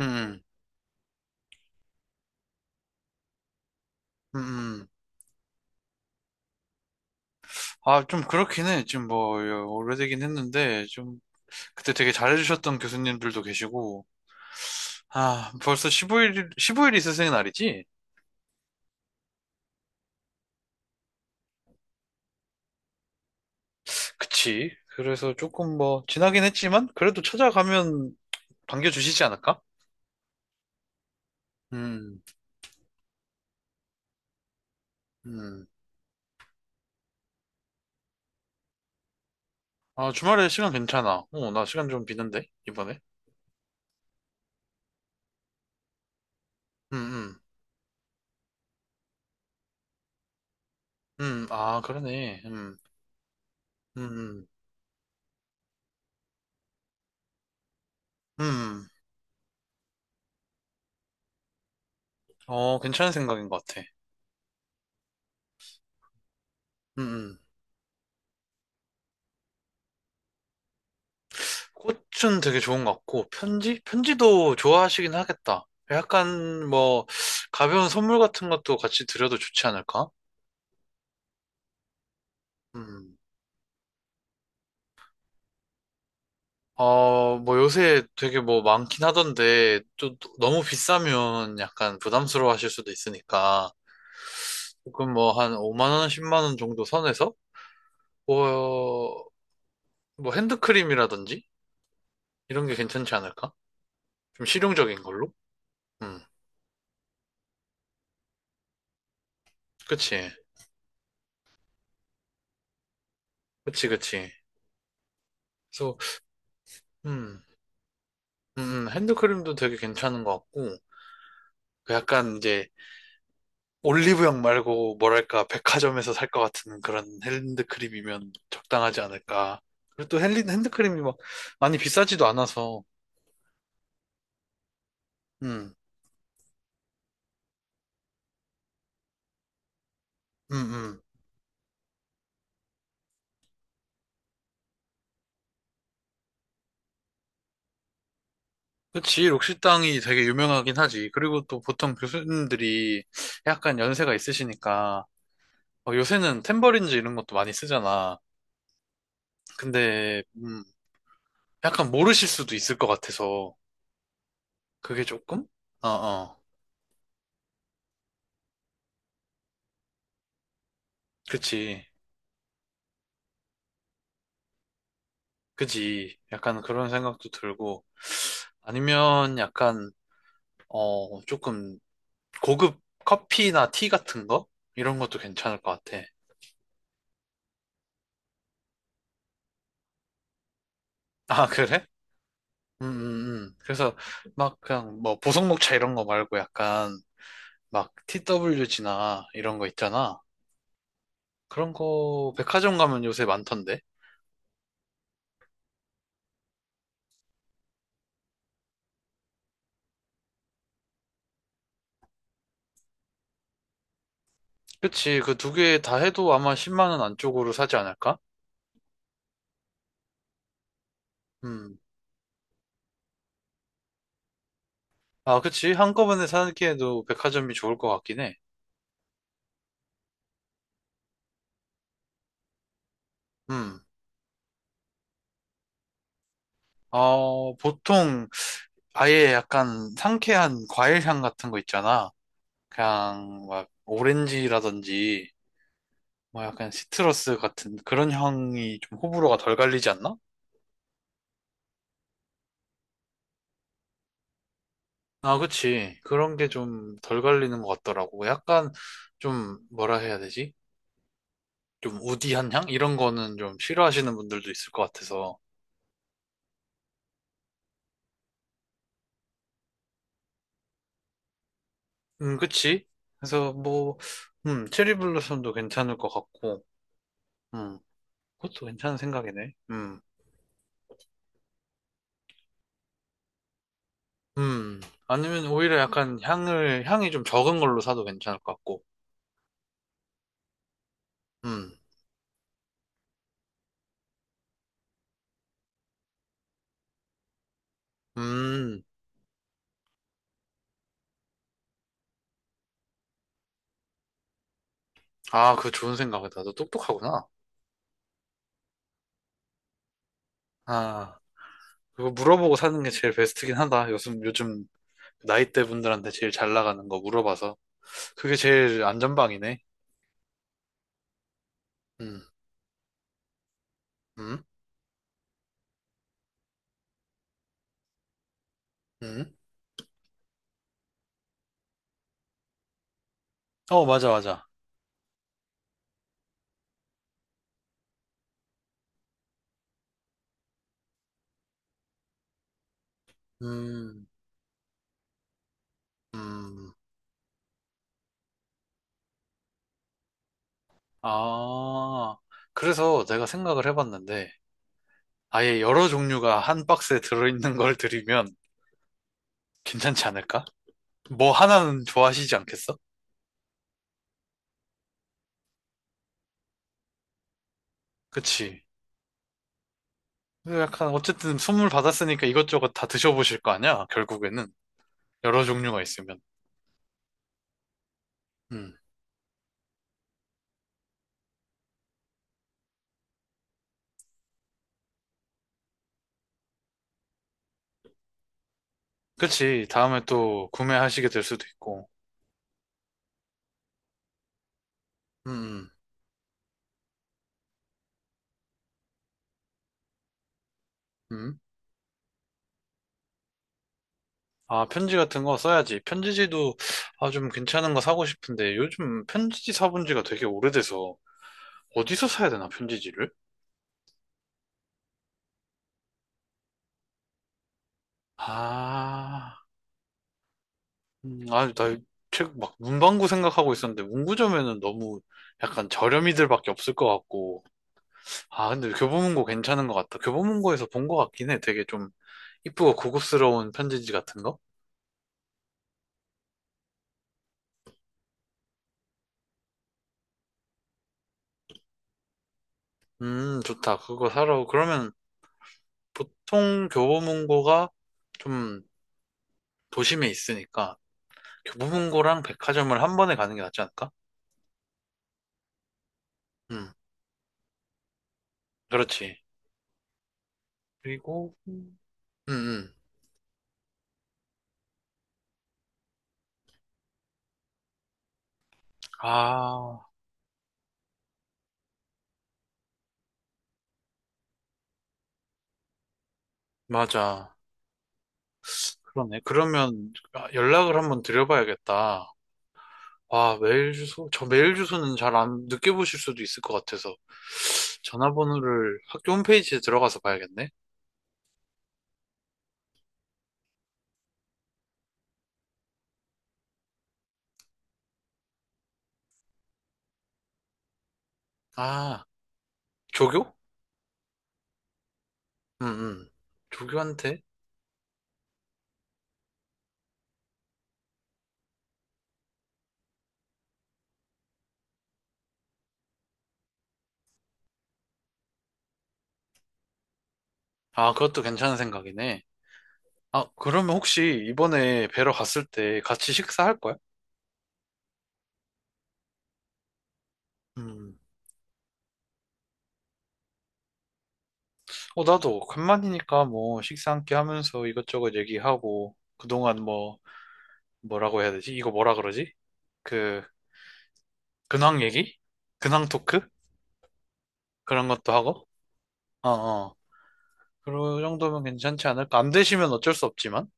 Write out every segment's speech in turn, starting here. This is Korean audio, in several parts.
음, 음, 음. 아, 좀 그렇긴 해. 지금 뭐, 오래되긴 했는데, 좀, 그때 되게 잘해주셨던 교수님들도 계시고, 아, 벌써 15일, 15일이 스승의 날이지? 그치. 그래서 조금 뭐, 지나긴 했지만, 그래도 찾아가면 반겨주시지 않을까? 음, 음. 아, 주말에 시간 괜찮아. 어, 나 시간 좀 비는데, 이번에. 음, 아, 그러네. 음, 음. 음. 어, 괜찮은 생각인 것 같아. 음, 음. 꽃은 되게 좋은 것 같고, 편지? 편지도 좋아하시긴 하겠다. 약간 뭐, 가벼운 선물 같은 것도 같이 드려도 좋지 않을까? 음. 어, 뭐 요새 되게 뭐 많긴 하던데, 또 너무 비싸면 약간 부담스러워 하실 수도 있으니까, 조금 뭐 한 5만 원, 10만 원 정도 선에서, 뭐, 뭐 핸드크림이라든지, 이런 게 괜찮지 않을까? 좀 실용적인 걸로? 음. 그치. 그치, 그치. 그래서, 음. 핸드크림도 되게 괜찮은 것 같고, 그 약간 이제 올리브영 말고 뭐랄까 백화점에서 살 것 같은 그런 핸드크림이면 적당하지 않을까. 그리고 또 핸드크림이 막 많이 비싸지도 않아서, 음, 음, 음. 그치, 록시땅이 되게 유명하긴 하지. 그리고 또 보통 교수님들이 약간 연세가 있으시니까, 어, 요새는 탬버린즈 이런 것도 많이 쓰잖아. 근데, 약간 모르실 수도 있을 것 같아서, 그게 조금? 어, 어, 그치. 그지. 약간 그런 생각도 들고, 아니면 약간, 조금 고급 커피나 티 같은 거? 이런 것도 괜찮을 것 같아. 아, 그래? 그래서 막 그냥 뭐 보성녹차 이런 거 말고 약간 막 TWG나 이런 거 있잖아. 그런 거 백화점 가면 요새 많던데. 그치. 그 두 개 다 해도 아마 10만 원 안쪽으로 사지 않을까? 음. 아, 그치. 한꺼번에 사기에도 백화점이 좋을 것 같긴 해. 음. 어, 보통 아예 약간 상쾌한 과일 향 같은 거 있잖아. 그냥 막 오렌지라든지 뭐 약간 시트러스 같은 그런 향이 좀 호불호가 덜 갈리지 않나? 아, 그치. 그런 게 좀 덜 갈리는 것 같더라고. 약간 좀 뭐라 해야 되지? 좀 우디한 향? 이런 거는 좀 싫어하시는 분들도 있을 것 같아서. 그치. 그래서 뭐, 체리 블루썸도 괜찮을 것 같고, 음, 그것도 괜찮은 생각이네. 음. 음, 아니면 오히려 약간 향이 좀 적은 걸로 사도 괜찮을 것 같고. 음, 음, 아, 그거 좋은 생각이다. 너 똑똑하구나. 아, 그거 물어보고 사는 게 제일 베스트긴 하다. 요즘 나이대 분들한테 제일 잘 나가는 거 물어봐서. 그게 제일 안전방이네. 음, 음, 음. 어, 맞아, 맞아. 음, 음. 아, 그래서 내가 생각을 해봤는데, 아예 여러 종류가 한 박스에 들어있는 걸 드리면 괜찮지 않을까? 뭐 하나는 좋아하시지 않겠어? 그치? 그래서 약간 어쨌든 선물 받았으니까 이것저것 다 드셔보실 거 아니야? 결국에는 여러 종류가 있으면. 음. 그치? 다음에 또 구매하시게 될 수도 있고. 음. 음. 음. 아, 편지 같은 거 써야지. 편지지도 아, 좀 괜찮은 거 사고 싶은데 요즘 편지지 사본 지가 되게 오래돼서 어디서 사야 되나, 편지지를? 아, 아, 나 책 막 문방구 생각하고 있었는데 문구점에는 너무 약간 저렴이들밖에 없을 것 같고 아, 근데 교보문고 괜찮은 것 같다. 교보문고에서 본 것 같긴 해. 되게 좀 이쁘고 고급스러운 편지지 같은 거? 좋다. 그거 사러. 그러면 보통 교보문고가 좀 도심에 있으니까 교보문고랑 백화점을 한 번에 가는 게 낫지 않을까? 음, 그렇지. 그리고, 음. 아, 맞아. 그러네. 그러면 아, 연락을 한번 드려봐야겠다. 와, 메일 주소? 저 메일 주소는 잘 안 늦게 보실 수도 있을 것 같아서 전화번호를 학교 홈페이지에 들어가서 봐야겠네. 아, 조교? 응, 응. 조교한테? 아, 그것도 괜찮은 생각이네. 아, 그러면 혹시 이번에 뵈러 갔을 때 같이 식사할 거야? 음. 어, 나도 간만이니까 뭐 식사 함께 하면서 이것저것 얘기하고 그동안 뭐 뭐라고 해야 되지? 이거 뭐라 그러지? 그 근황 얘기? 근황 토크? 그런 것도 하고? 어어. 그 정도면 괜찮지 않을까? 안 되시면 어쩔 수 없지만,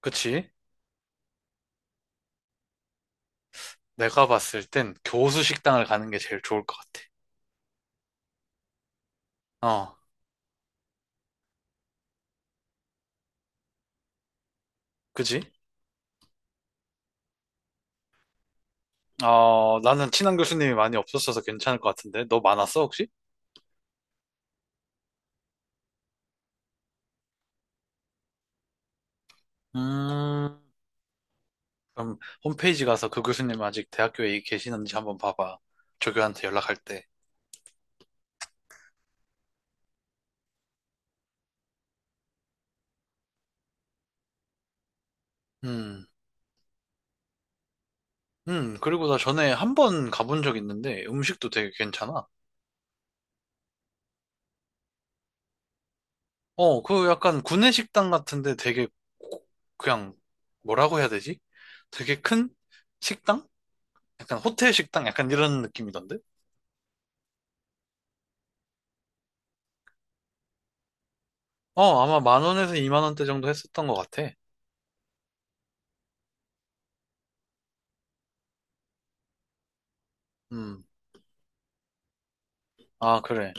그치? 내가 봤을 땐 교수 식당을 가는 게 제일 좋을 것 같아. 어, 그지? 어, 나는 친한 교수님이 많이 없었어서 괜찮을 것 같은데, 너 많았어, 혹시? 음, 그럼 홈페이지 가서 그 교수님 아직 대학교에 계시는지 한번 봐봐. 조교한테 연락할 때. 음, 그리고 나 전에 한번 가본 적 있는데, 음식도 되게 괜찮아. 어, 그 약간 구내식당 같은데 되게 고- 그냥 뭐라고 해야 되지? 되게 큰 식당? 약간 호텔 식당? 약간 이런 느낌이던데? 어, 아마 만 원에서 이만 원대 정도 했었던 것 같아. 음, 아, 그래.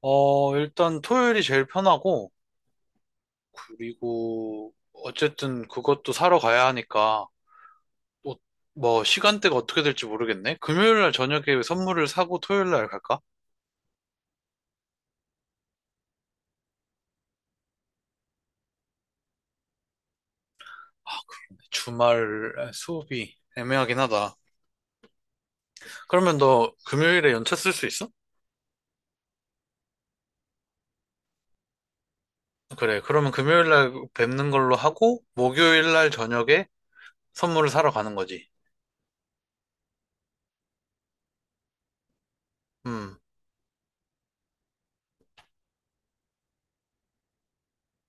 어, 일단 토요일이 제일 편하고, 그리고 어쨌든 그것도 사러 가야 하니까, 또 뭐 시간대가 어떻게 될지 모르겠네. 금요일 날 저녁에 선물을 사고 토요일 날 갈까? 주말 수업이 애매하긴 하다. 그러면 너 금요일에 연차 쓸 수 있어? 그래, 그러면 금요일 날 뵙는 걸로 하고, 목요일 날 저녁에 선물을 사러 가는 거지. 음,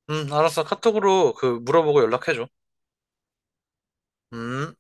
알았어. 카톡으로 그 물어보고 연락해줘. 음.